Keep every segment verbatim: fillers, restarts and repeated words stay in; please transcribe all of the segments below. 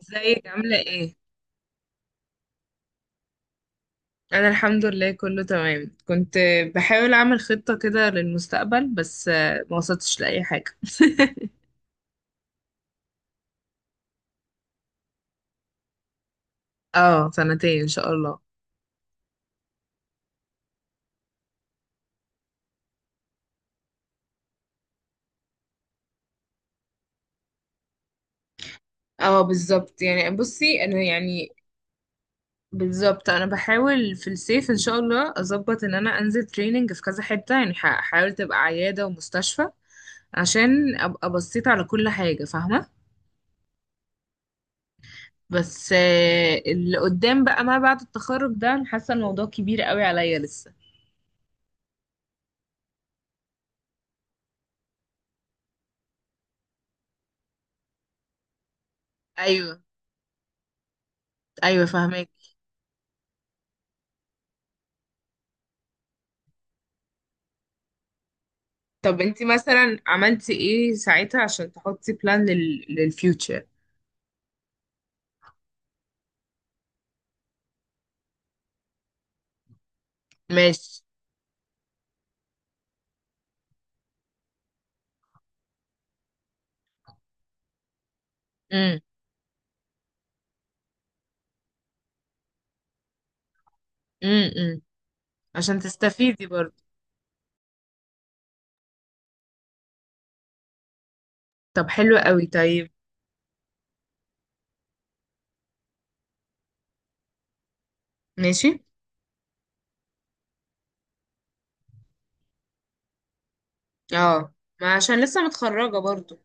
ازيك عاملة ايه؟ أنا الحمد لله كله تمام. كنت بحاول أعمل خطة كده للمستقبل، بس آه، ما وصلتش لأي حاجة. اه، سنتين إن شاء الله. اه بالظبط، يعني بصي أنا يعني، بالظبط أنا بحاول في الصيف إن شاء الله أظبط إن أنا أنزل تريننج في كذا حتة، يعني ح- هحاول تبقى عيادة ومستشفى، عشان أبقى بصيت على كل حاجة. فاهمة؟ بس آه، اللي قدام بقى ما بعد التخرج ده، أنا حاسة الموضوع كبير قوي عليا لسه. ايوه، ايوه فاهمك. طب انت مثلا عملتي ايه ساعتها عشان تحطي بلان لل... للفيوتشر؟ ماشي. امم، امم، امم. عشان تستفيدي برضو. طب حلو قوي، طيب. ماشي. اه، ما عشان لسه متخرجة برضو.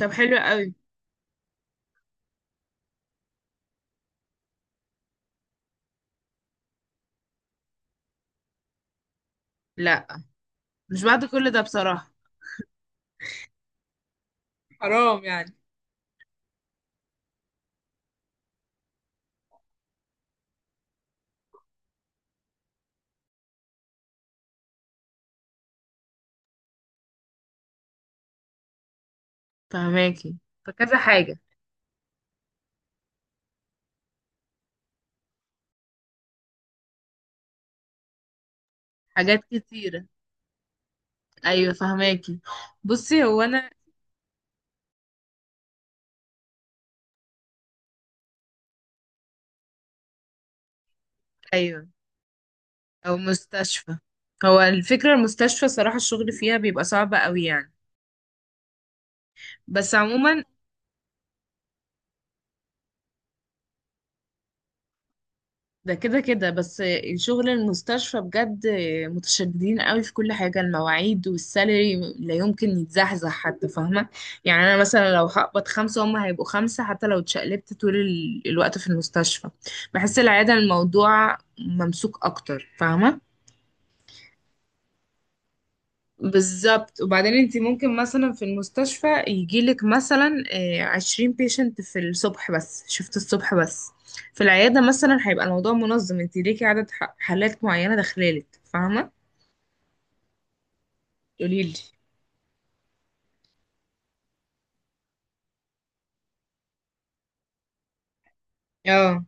طب حلو قوي. لا، مش بعد كل ده بصراحة. حرام يعني. فهماكي. فكذا حاجة. حاجات كتيرة. ايوه فهماكي. بصي هو انا. ايوه. او مستشفى. هو الفكرة، المستشفى صراحة الشغل فيها بيبقى صعب قوي يعني. بس عموما، ده كده كده بس. شغل المستشفى بجد متشددين قوي في كل حاجة، المواعيد والسالري لا يمكن يتزحزح حتى، فاهمة؟ يعني أنا مثلا لو هقبض خمسة هما هيبقوا خمسة، حتى لو اتشقلبت طول ال- الوقت في المستشفى. بحس العيادة الموضوع ممسوك أكتر، فاهمة؟ بالظبط. وبعدين انت ممكن مثلا في المستشفى يجيلك مثلا آه، عشرين بيشنت في الصبح بس، شفت؟ الصبح بس. في العيادة مثلا هيبقى الموضوع منظم، انت ليكي عدد ح- حالات معينة داخلالك، فاهمة؟ قوليلي. اه.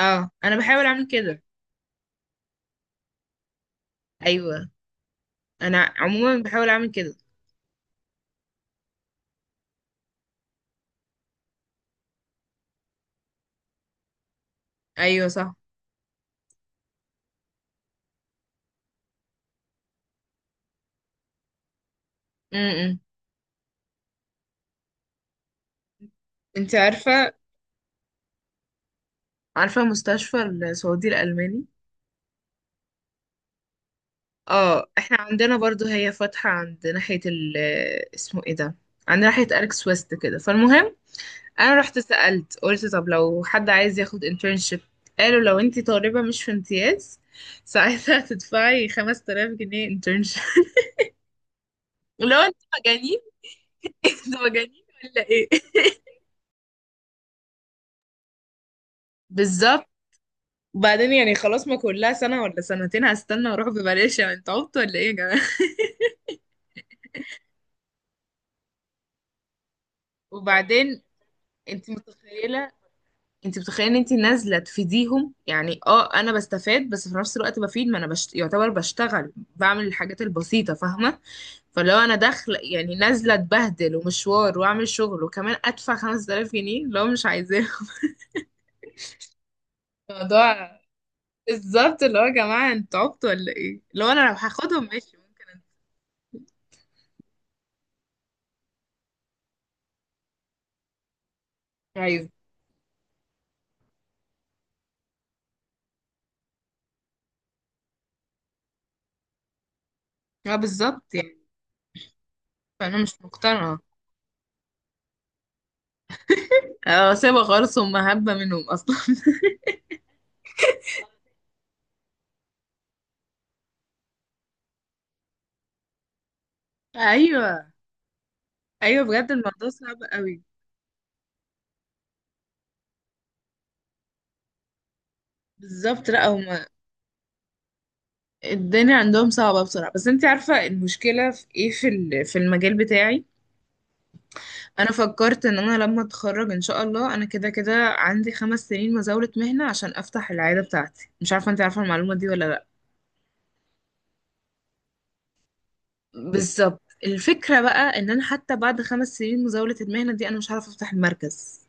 اه، انا بحاول اعمل كده. ايوه، انا عموما بحاول اعمل كده. ايوه صح. امم. انت عارفة؟ عارفة مستشفى السعودي الألماني؟ اه، احنا عندنا برضو، هي فاتحة عند ناحية ال اسمه ايه ده — عند ناحية أليكس ويست كده. فالمهم، انا رحت سألت، قلت طب لو حد عايز ياخد internship؟ قالوا لو انتي طالبة مش في امتياز ساعتها تدفعي خمسة آلاف جنيه internship. لو انت مجانين. انتوا مجانين ولا ايه؟ بالظبط. وبعدين يعني خلاص، ما كلها سنة ولا سنتين هستنى واروح ببلاش، يعني انتوا عبط ولا ايه يا جماعة؟ وبعدين انت متخيلة؟ انت متخيله ان انت نازله تفيديهم، يعني اه انا بستفاد بس في نفس الوقت بفيد، ما انا بشت... يعتبر بشتغل، بعمل الحاجات البسيطه، فاهمه؟ فلو انا داخله يعني نازله اتبهدل ومشوار واعمل شغل، وكمان ادفع خمسة آلاف جنيه لو مش عايزاه؟ الموضوع بالظبط، اللي هو يا جماعه، انتوا عبطوا ولا ايه؟ لو انا، لو هاخدهم ماشي ممكن أنا. مش عايزه. اه بالظبط يعني. فانا مش مقتنعه. اه، سيبها خالص، هم هبه منهم اصلا. ايوه. ايوه بجد الموضوع صعب قوي. بالظبط. لا، هم الدنيا عندهم صعبة بصراحة. بس انت عارفة المشكلة في ايه؟ في ال- في المجال بتاعي، انا فكرت ان انا لما اتخرج ان شاء الله انا كده كده عندي خمس سنين مزاولة مهنة عشان افتح العيادة بتاعتي. مش عارفة، انت عارفة المعلومة دي ولا لا؟ بالظبط. الفكرة بقى ان انا حتى بعد خمس سنين مزاولة المهنة دي انا مش عارفة افتح المركز.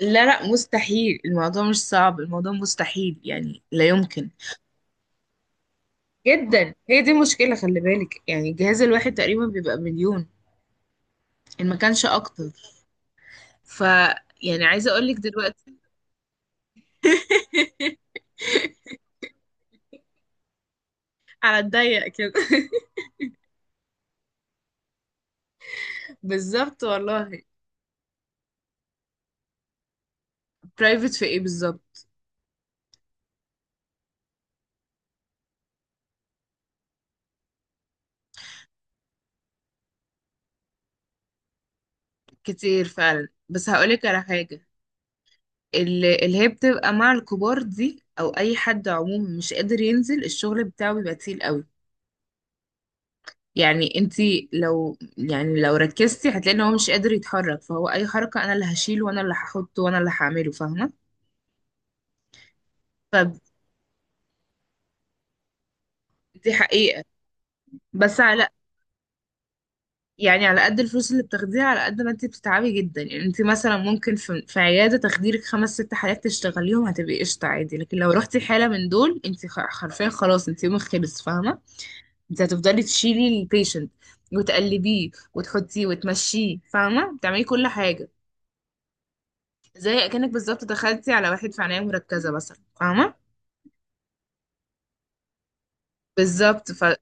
لا، لا، مستحيل. الموضوع مش صعب، الموضوع مستحيل، يعني لا يمكن. جدا. هي دي مشكلة، خلي بالك يعني الجهاز الواحد تقريبا بيبقى مليون، ان ما كانش اكتر. ف يعني عايزة اقولك دلوقتي. على الضيق كده. بالظبط والله. برايفت في ايه بالظبط؟ كتير فعلا، بس هقولك على حاجة. اللي, اللي هي بتبقى مع الكبار دي، او اي حد عموما مش قادر ينزل الشغل بتاعه بيبقى تقيل قوي. يعني انتي لو، يعني لو ركزتي هتلاقي ان هو مش قادر يتحرك، فهو اي حركة انا اللي هشيله وانا اللي هحطه وانا اللي هعمله، فاهمة؟ فدي حقيقة. بس على، يعني على قد الفلوس اللي بتاخديها على قد ما انت بتتعبي جدا. يعني انت مثلا ممكن في, في عيادة تخديرك خمس ست حالات تشتغليهم، هتبقي قشطة عادي. لكن لو رحتي حالة من دول، انت خ- حرفيا خلاص، انت يومك خلص، فاهمة؟ انت هتفضلي تشيلي البيشنت وتقلبيه وتحطيه وتمشيه، فاهمة؟ بتعملي كل حاجة، زي اكنك بالظبط دخلتي على واحد في عناية مركزة مثلا، فاهمة؟ بالظبط. ف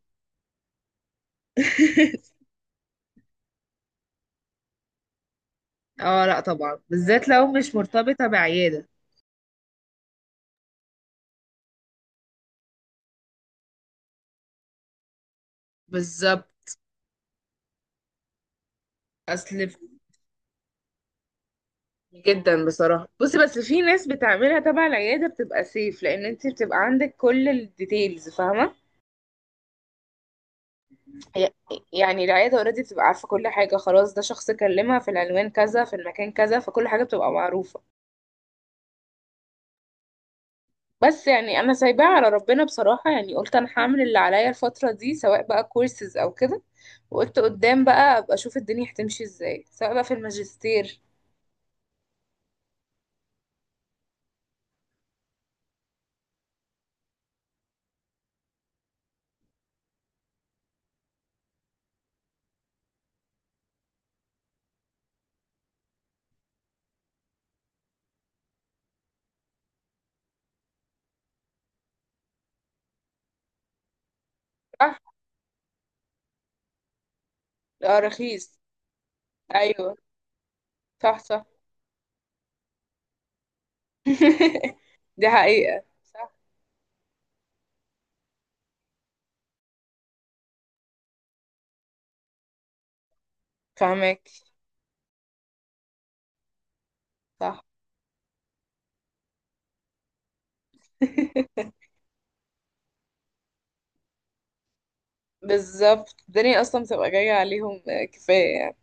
اه لا طبعا، بالذات لو مش مرتبطة بعيادة. بالظبط. اصل جدا بصراحة. بصي، بس في ناس بتعملها تبع العيادة بتبقى سيف، لأن انت بتبقى عندك كل الديتيلز، فاهمة؟ ي- يعني العيادة اوريدي بتبقى عارفة كل حاجة خلاص، ده شخص كلمها في العنوان كذا في المكان كذا، فكل حاجة بتبقى معروفة. بس يعني أنا سايباها على ربنا بصراحة، يعني قلت أنا هعمل اللي عليا الفترة دي، سواء بقى كورسز أو كده، وقلت قدام بقى أبقى أشوف الدنيا هتمشي ازاي، سواء بقى في الماجستير. صح. اه رخيص. أيوه. صح صح. دي حقيقة. صح. فاهمك. صح. بالظبط الدنيا اصلا بتبقى جاية عليهم، آه، كفاية يعني.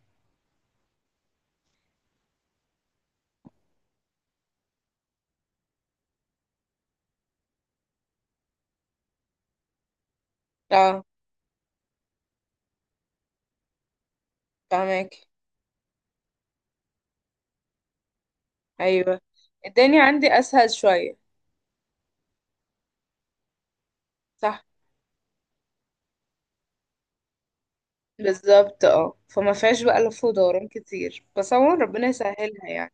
اه. فاهمك. ايوه الدنيا عندي اسهل شوية. صح. بالظبط. اه فما فيهاش بقى لف ودوران كتير، بس عموما ربنا يسهلها يعني.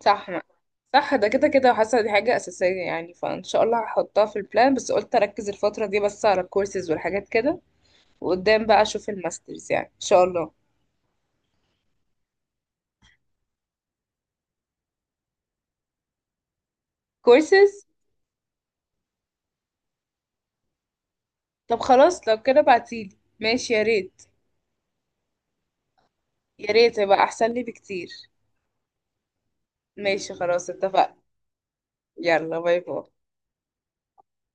صح ما. صح، ده كده كده حاسة دي حاجة أساسية، يعني فإن شاء الله هحطها في البلان، بس قلت أركز الفترة دي بس على الكورسز والحاجات كده، وقدام بقى أشوف الماسترز يعني إن شاء الله. كورسز. طب خلاص، لو كده بعتيلي ماشي يا ريت. يا ريت، يبقى احسن لي بكتير. ماشي خلاص، اتفقنا. يلا، باي باي.